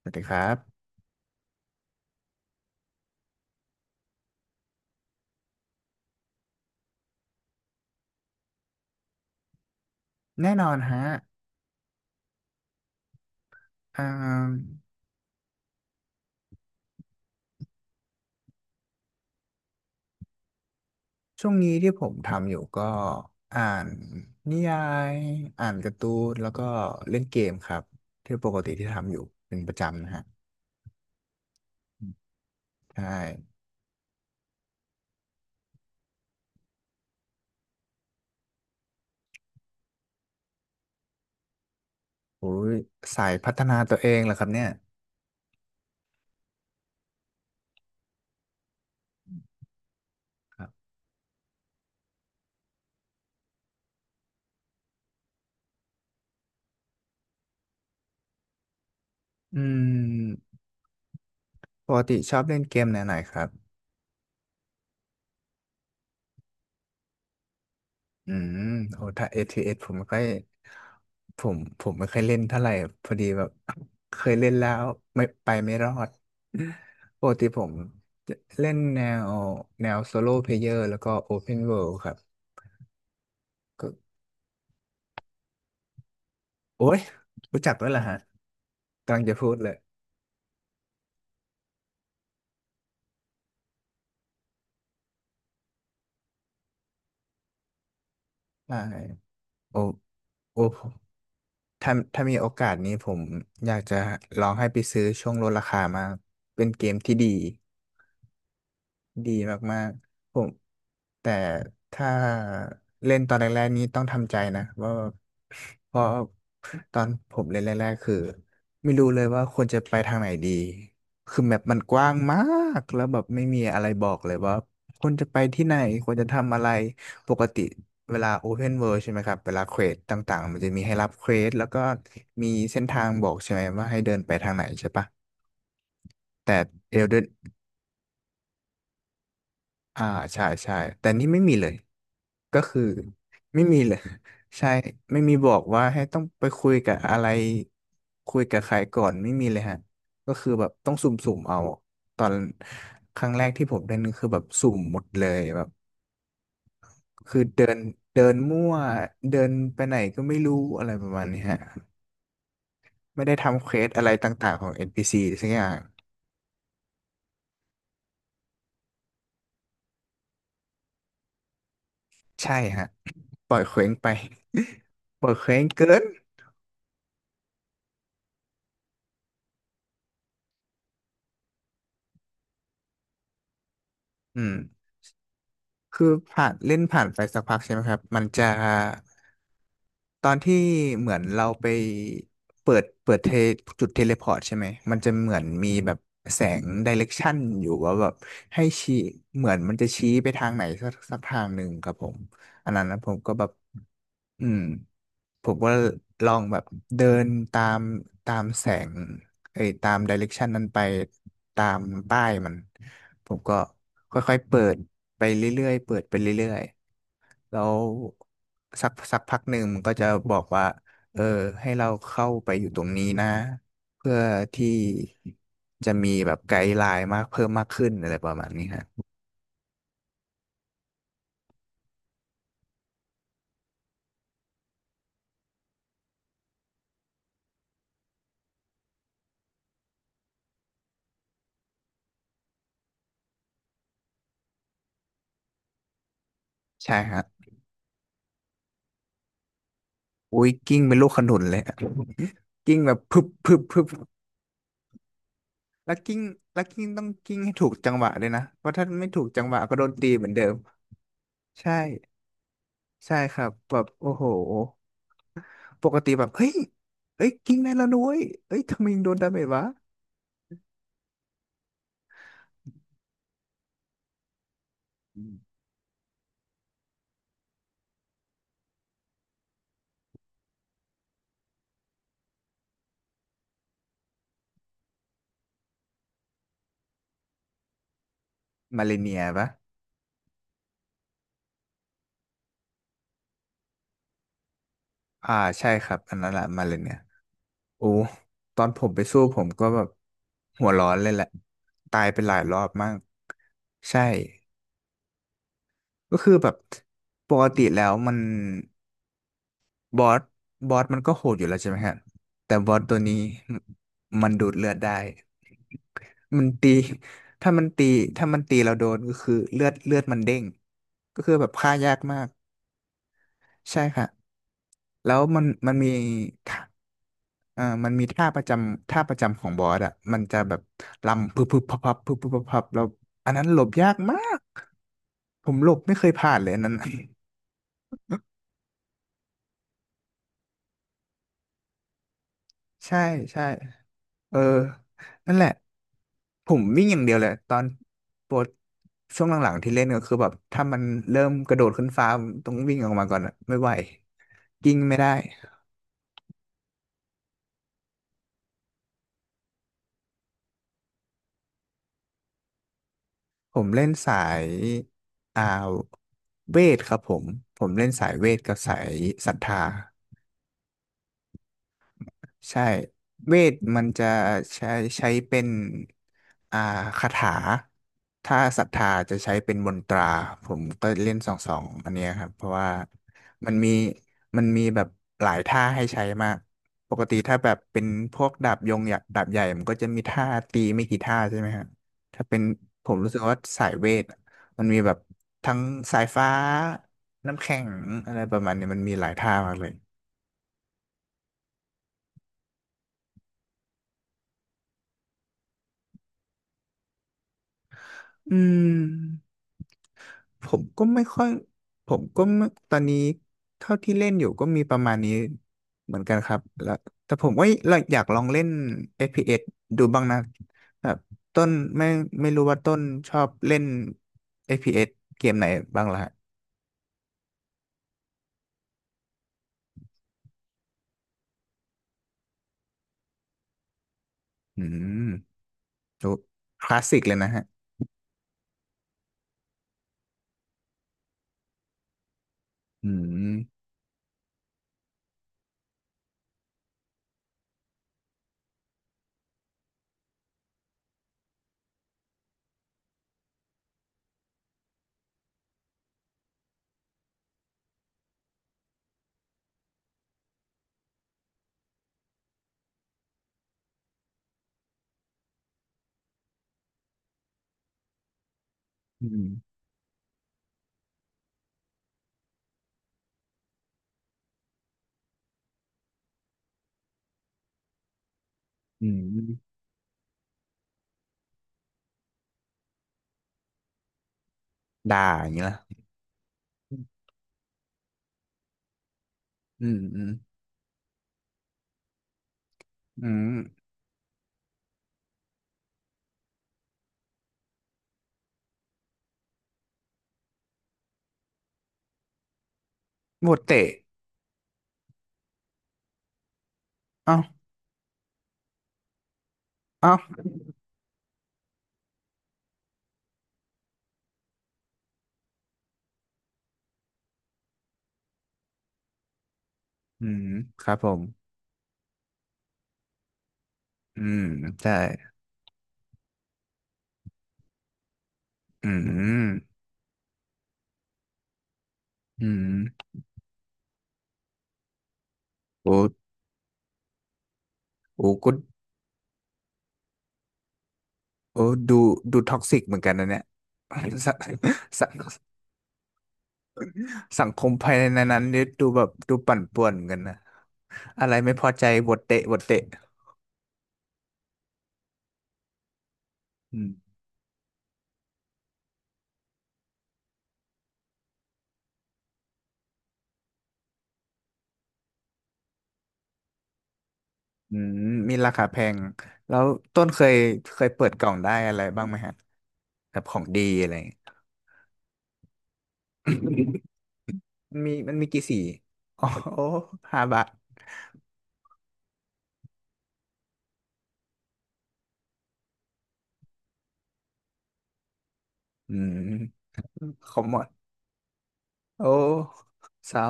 สวัสดีครับแน่นอนฮะอ่าช่วงนี้ที่ผมทำอยู่ก็อ่านนิยายอ่านการ์ตูนแล้วก็เล่นเกมครับที่ปกติที่ทำอยู่เป็นประจำนะฮะใช่โอ้ยสายพัฒนาตัวเองเหรอครับเนี่ยครับอืมปกติชอบเล่นเกมแนวไหนครับ อืมโอ้ถ้า ATS ผมไม่ค่อยผมไม่ค่อยเล่นเท่าไหร่พอดีแบบ เคยเล่นแล้วไม่ไปไม่รอด ปกติผมจะเล่นวแนวโซโล่เพลเยอร์แล้วก็ Open World ครับก็โอ้ยรู้จักด้วยเหรอฮะกำลังจะพูดเลยใช่โอ้โอ้ผมถ้ามีโอกาสนี้ผมอยากจะลองให้ไปซื้อช่วงลดราคามากเป็นเกมที่ดี ดีมากๆผมแต่ถ้าเล่นตอนแรกๆนี้ต้องทำใจนะว่าเพราะตอนผมเล่นแรกๆคือไม่รู้เลยว่าควรจะไปทางไหนดีคือแมปมันกว้างมากแล้วแบบไม่มีอะไรบอกเลยว่าควรจะไปที่ไหนควรจะทำอะไรปกติเวลา Open World ใช่ไหมครับเวลาเควสต่างๆมันจะมีให้รับเควสแล้วก็มีเส้นทางบอกใช่ไหมว่าให้เดินไปทางไหนใช่ปะแต่ Elden อ่าใช่ใช่แต่นี่ไม่มีเลยก็คือไม่มีเลย ใช่ไม่มีบอกว่าให้ต้องไปคุยกับอะไรคุยกับใครก่อนไม่มีเลยฮะก็คือแบบต้องสุ่มๆเอาตอนครั้งแรกที่ผมเดินคือแบบสุ่มหมดเลยแบบคือเดินเดินมั่วเดินไปไหนก็ไม่รู้อะไรประมาณนี้ฮะไม่ได้ทำเควสอะไรต่างๆของ NPC สักอย่างใช่ฮะ ปล่อยเคว้งไป ปล่อยเคว้งเกินอืม คือผ่านเล่นผ่านไปสักพักใช่ไหมครับมันจะตอนที่เหมือนเราไปเปิดเทจุดเทเลพอร์ตใช่ไหมมันจะเหมือนมีแบบแสงไดเรกชันอยู่ว่าแบบให้ชี้เหมือนมันจะชี้ไปทางไหนสักทางหนึ่งครับผมอันนั้นนะผมก็แบบอืมผมก็ลองแบบเดินตามตามแสงเอ้ยตามไดเรกชันนั้นไปตามป้ายมันผมก็ค่อยๆเปิด ไปเรื่อยๆ เปิดไปเรื่อยๆแล้วสักพักหนึ่งมันก็จะบอกว่าเออให้เราเข้าไปอยู่ตรงนี้นะเพื่อที่จะมีแบบไกด์ไลน์มากเพิ่มมากขึ้นอะไรประมาณนี้ฮะใช่ฮะอุ้ยกิ้งเป็นลูกขนุนเลยอะกิ้งแบบพึบพึบพึบแล้วกิ้งแล้วกิ้งต้องกิ้งให้ถูกจังหวะด้วยนะเพราะถ้าไม่ถูกจังหวะก็โดนตีเหมือนเดิมใช่ใช่ครับแบบโอ้โหปกติแบบเฮ้ยเฮ้ยกิ้งได้แล้วนุ้ยเอ้ยทำไมยังโดนดาเมจวะ มาเลเนียปะอ่าใช่ครับอันนั้นแหละมาเลเนียโอ้ตอนผมไปสู้ผมก็แบบหัวร้อนเลยแหละตายไปหลายรอบมากใช่ก็คือแบบปกติแล้วมันบอสบอสมันก็โหดอยู่แล้วใช่ไหมฮะแต่บอสตัวนี้มันดูดเลือดได้มันตีถ้ามันตีถ้ามันตีเราโดนก็คือเลือดเลือดมันเด้งก็คือแบบฆ่ายากมาก ใช่ค่ะแล้วมันมีท่ามันมีท่าประจำท่าประจำของบอสอ่ะมันจะแบบลำพึบพึบพับพับพึบพึบพับพับแล้วอันนั้นหลบยากมากผมหลบไม่เคยผ่านเลยอันนั้น น่ะ ใช่ใช่เออนั่นแหละผมวิ่งอย่างเดียวเลยตอนโปรดช่วงหลังๆที่เล่นก็คือแบบถ้ามันเริ่มกระโดดขึ้นฟ้าผมต้องวิ่งออกมาก่อนอะไม่ไหวกิ้งไม่ได้ ผมเล่นสายอ่าเวทครับผมผมเล่นสายเวทกับสายศรัทธา ใช่เวทมันจะใช้ใช้เป็นอ่าคาถาถ้าศรัทธาจะใช้เป็นมนตราผมก็เล่นสองอันเนี้ยครับเพราะว่ามันมีมันมีแบบหลายท่าให้ใช้มากปกติถ้าแบบเป็นพวกดาบยงดาบใหญ่มันก็จะมีท่าตีไม่กี่ท่าใช่ไหมครับถ้าเป็นผมรู้สึกว่าสายเวทมันมีแบบทั้งสายฟ้าน้ำแข็งอะไรประมาณเนี้ยมันมีหลายท่ามากเลยอืม ผมก็ไม่ค่อยผมก็ไม่ตอนนี้เท่าที่เล่นอยู่ก็มีประมาณนี้เหมือนกันครับแล้วแต่ผมก็อยากลองเล่น FPS ดูบ้างนะแบบต้นไม่ไม่รู้ว่าต้นชอบเล่น FPS เอสเกมไหนบ้างล่ะฮะอืมดูคลาสสิกเลยนะฮะอืมอืมอืมด่าอย่างนี้ละอืมอืมอืมโหดเตะเอ้าเอ้าอืมครับผมอืมใช่อืมอืม โอ้โอ้ก็โอ้ดูดูท็อกซิกเหมือนกันนะเนี่ย สังสังสังคมภายในนั้นนี่ดูแบบดูปั่นป่วนเหมือนกันนะอะไรไม่พอใจบทเตะบทเตะอืมอืมมีราคาแพงแล้วต้นเคยเคยเปิดกล่องได้อะไรบ้างไหมฮะแบบของดีอะไรอย่างเงี้ย มันมีกี่สีอ๋อโอ้ห้าบาทอืมขอหมดโอ้เศร้า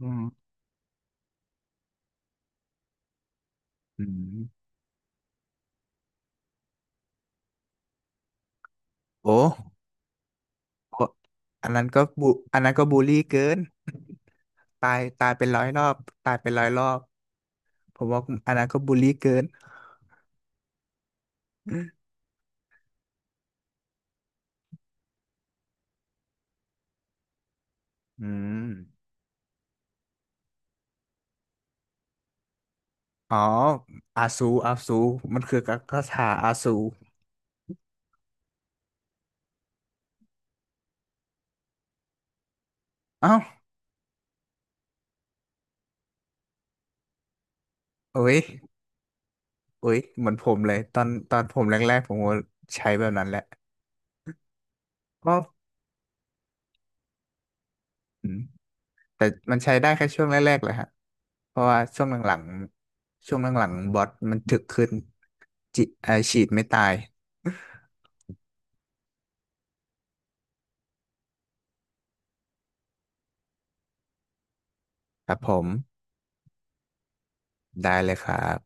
อืมอืมโอ้ โอ้อันนั้นก็บูอันนั้นก็บูลลี่เกินตายตายเป็นร้อยรอบตายเป็นร้อยรอบผมว่าอันนั้นก็บูลลี่เกินอืมอ๋ออาซูอาซูมันคือกักกชาอาซูเอ้าโอ้ยโอ้ยเหมือนผมเลยตอนตอนผมแรกๆผมก็ใช้แบบนั้นแหละก็อืมแต่มันใช้ได้แค่ช่วงแรกๆเลยฮะเพราะว่าช่วงหลังๆช่วงหลังๆบอทมันถึกขึ้นจิฉีดไม่ตายครับผมได้เลยครับ